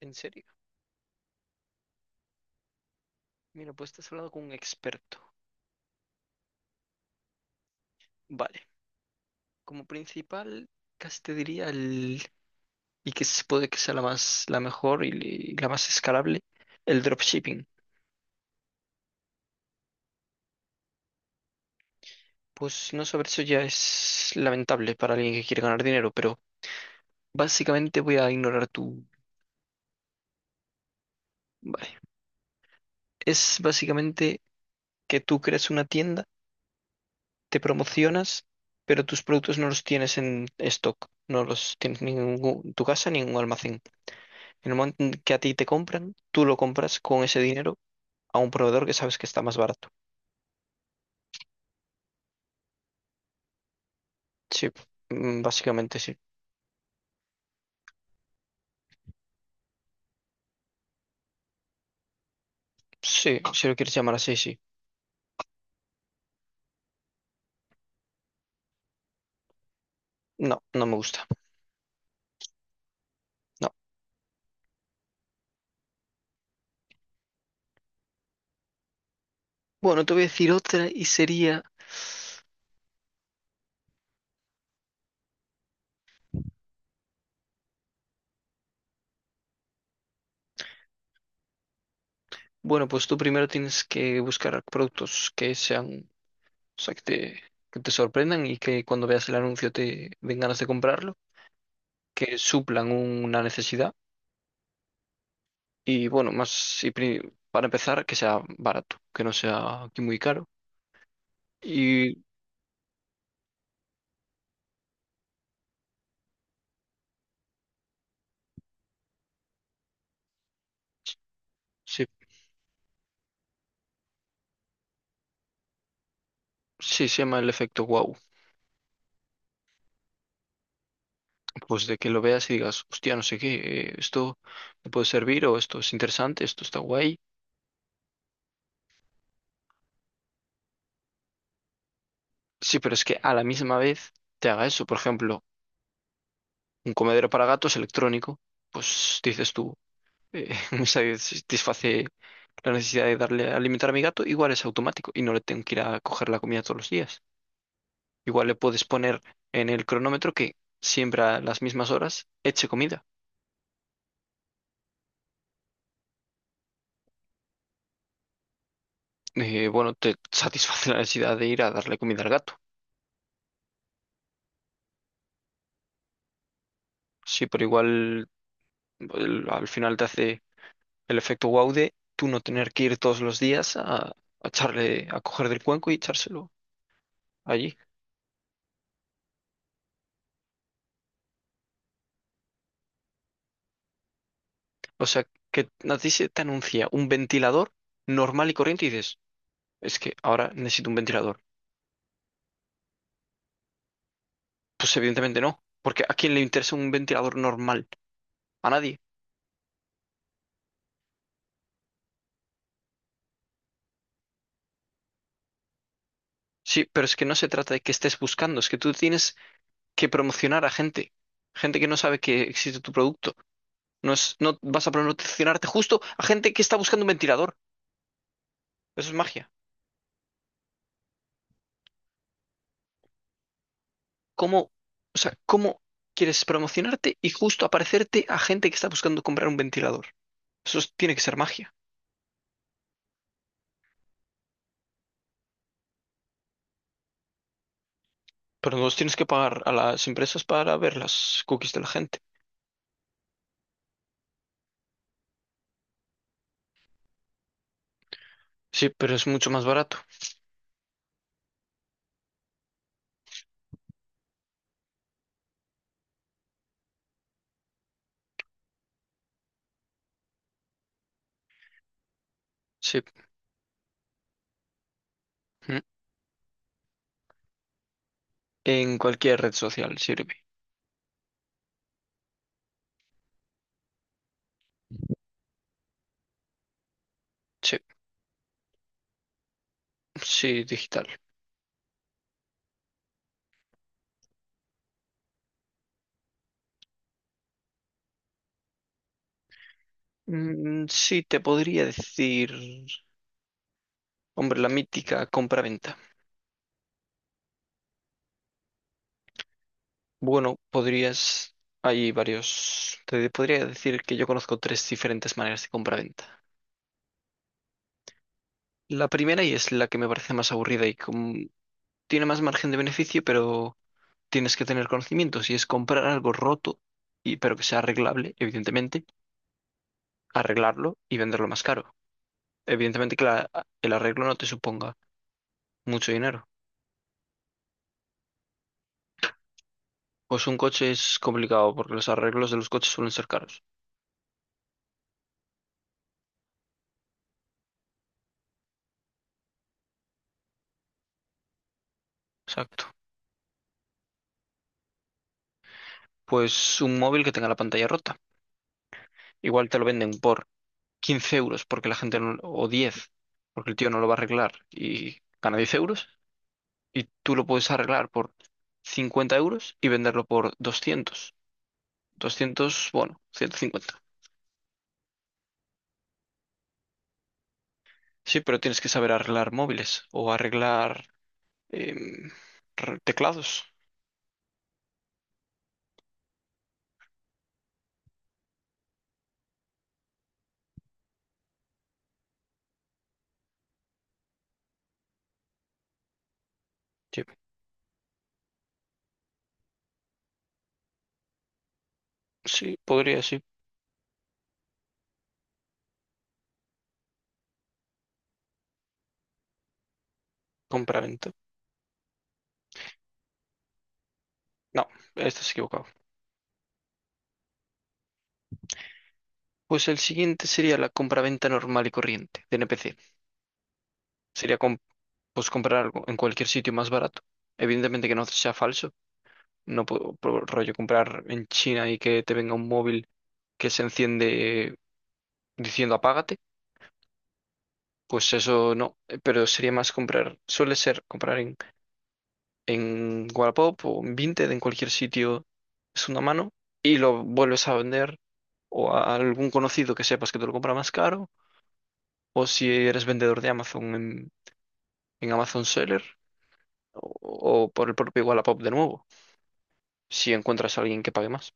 ¿En serio? Mira, pues estás hablando con un experto. Vale. Como principal, casi te diría y que se puede que sea la más, la mejor y, la más escalable, el dropshipping. Pues no saber eso ya es lamentable para alguien que quiere ganar dinero, pero básicamente voy a ignorar Vale. Es básicamente que tú creas una tienda, te promocionas, pero tus productos no los tienes en stock, no los tienes ni en tu casa ni en un almacén. En el momento en que a ti te compran, tú lo compras con ese dinero a un proveedor que sabes que está más barato. Sí, básicamente sí. Sí, si lo quieres llamar así, sí. No, no me gusta. No. Bueno, te voy a decir otra y sería, bueno, pues tú primero tienes que buscar productos que sean, o sea, que te sorprendan y que cuando veas el anuncio te den ganas de comprarlo, que suplan una necesidad y bueno, más, y para empezar, que sea barato, que no sea aquí muy caro. Y sí. Sí, se llama el efecto wow. Pues de que lo veas y digas, hostia, no sé qué, esto me puede servir o esto es interesante, esto está guay. Sí, pero es que a la misma vez te haga eso. Por ejemplo, un comedero para gatos electrónico, pues dices tú, me satisface la necesidad de darle a alimentar a mi gato, igual es automático y no le tengo que ir a coger la comida todos los días. Igual le puedes poner en el cronómetro que siempre a las mismas horas eche comida. Bueno, te satisface la necesidad de ir a darle comida al gato. Sí, pero igual al final te hace el efecto wow de tú no tener que ir todos los días a echarle, a coger del cuenco y echárselo allí. O sea, que a ti se te anuncia un ventilador normal y corriente y dices, es que ahora necesito un ventilador. Pues evidentemente no, porque ¿a quién le interesa un ventilador normal? A nadie. Sí, pero es que no se trata de que estés buscando, es que tú tienes que promocionar a gente, gente que no sabe que existe tu producto. No es, no vas a promocionarte justo a gente que está buscando un ventilador. Eso es magia. ¿Cómo, o sea, cómo quieres promocionarte y justo aparecerte a gente que está buscando comprar un ventilador? Tiene que ser magia. Pero no los tienes que pagar a las empresas para ver las cookies de la gente. Sí, pero es mucho más barato. Sí. Mm. En cualquier red social sirve. Sí, sí, digital. Mm, sí, te podría decir, hombre, la mítica compra-venta. Bueno, podrías, hay varios, te podría decir que yo conozco tres diferentes maneras de compra-venta. La primera y es la que me parece más aburrida y tiene más margen de beneficio, pero tienes que tener conocimientos y es comprar algo roto y pero que sea arreglable, evidentemente, arreglarlo y venderlo más caro. Evidentemente que el arreglo no te suponga mucho dinero. Pues un coche es complicado porque los arreglos de los coches suelen ser caros. Exacto. Pues un móvil que tenga la pantalla rota. Igual te lo venden por 15 euros porque la gente o diez, porque el tío no lo va a arreglar y gana 10 euros, y tú lo puedes arreglar por 50 euros y venderlo por 200, 200, bueno, 150. Sí, pero tienes que saber arreglar móviles o arreglar em, teclados. Sí, sí, podría, sí. Compraventa. No, estás equivocado. Pues el siguiente sería la compraventa normal y corriente de NPC. Sería com- pues comprar algo en cualquier sitio más barato. Evidentemente que no sea falso. No puedo, por rollo comprar en China y que te venga un móvil que se enciende diciendo apágate, pues eso no, pero sería más comprar, suele ser comprar en Wallapop o en Vinted, en cualquier sitio, es una mano, y lo vuelves a vender o a algún conocido que sepas que te lo compra más caro, o si eres vendedor de Amazon en Amazon Seller, o por el propio Wallapop de nuevo, si encuentras a alguien que pague más.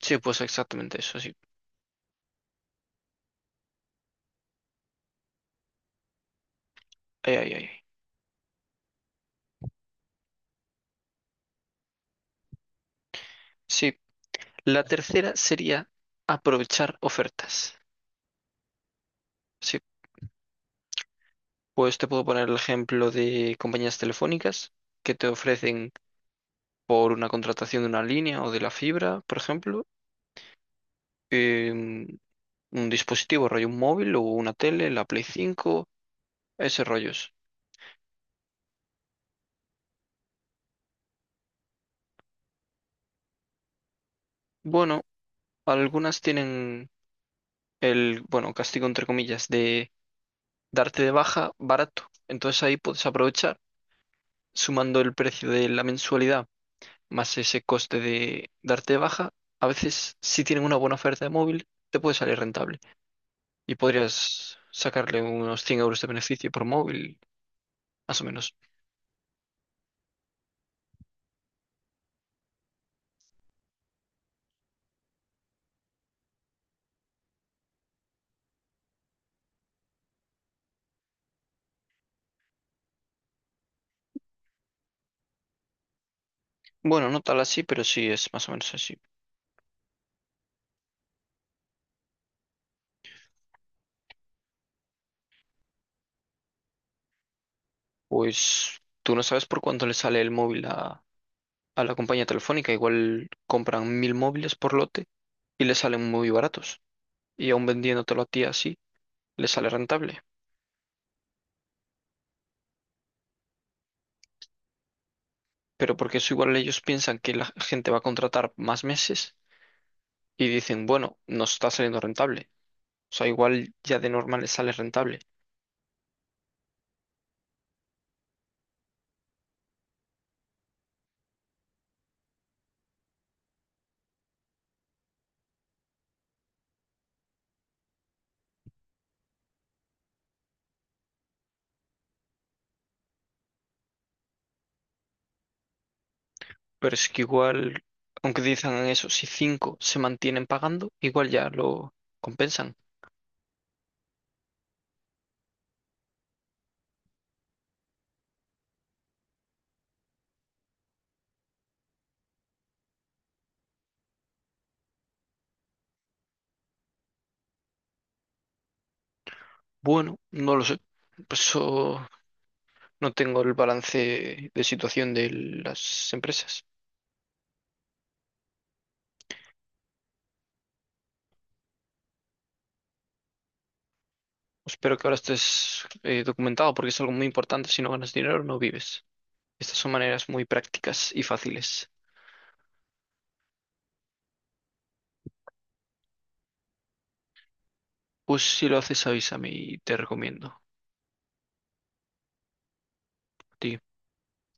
Sí, pues exactamente eso, sí. Ay, ay, ay, ay. Sí, la tercera sería aprovechar ofertas. Sí, pues te puedo poner el ejemplo de compañías telefónicas que te ofrecen por una contratación de una línea o de la fibra, por ejemplo, em, un dispositivo, rollo un móvil o una tele, la Play 5, ese rollos. Bueno, algunas tienen el, bueno, castigo entre comillas de darte de baja barato. Entonces ahí puedes aprovechar, sumando el precio de la mensualidad más ese coste de darte de baja, a veces si tienen una buena oferta de móvil, te puede salir rentable. Y podrías sacarle unos 100 euros de beneficio por móvil, más o menos. Bueno, no tal así, pero sí es más o menos así. Pues tú no sabes por cuánto le sale el móvil a la compañía telefónica. Igual compran 1000 móviles por lote y le salen muy baratos. Y aún vendiéndotelo a ti así, le sale rentable. Pero porque eso igual ellos piensan que la gente va a contratar más meses y dicen, bueno, nos está saliendo rentable. O sea, igual ya de normal le sale rentable. Pero es que igual, aunque dicen eso, si cinco se mantienen pagando, igual ya lo compensan. Bueno, no lo sé. Por eso no tengo el balance de situación de las empresas. Pues espero que ahora estés documentado porque es algo muy importante. Si no ganas dinero, no vives. Estas son maneras muy prácticas y fáciles. Pues si lo haces, avísame y te recomiendo. A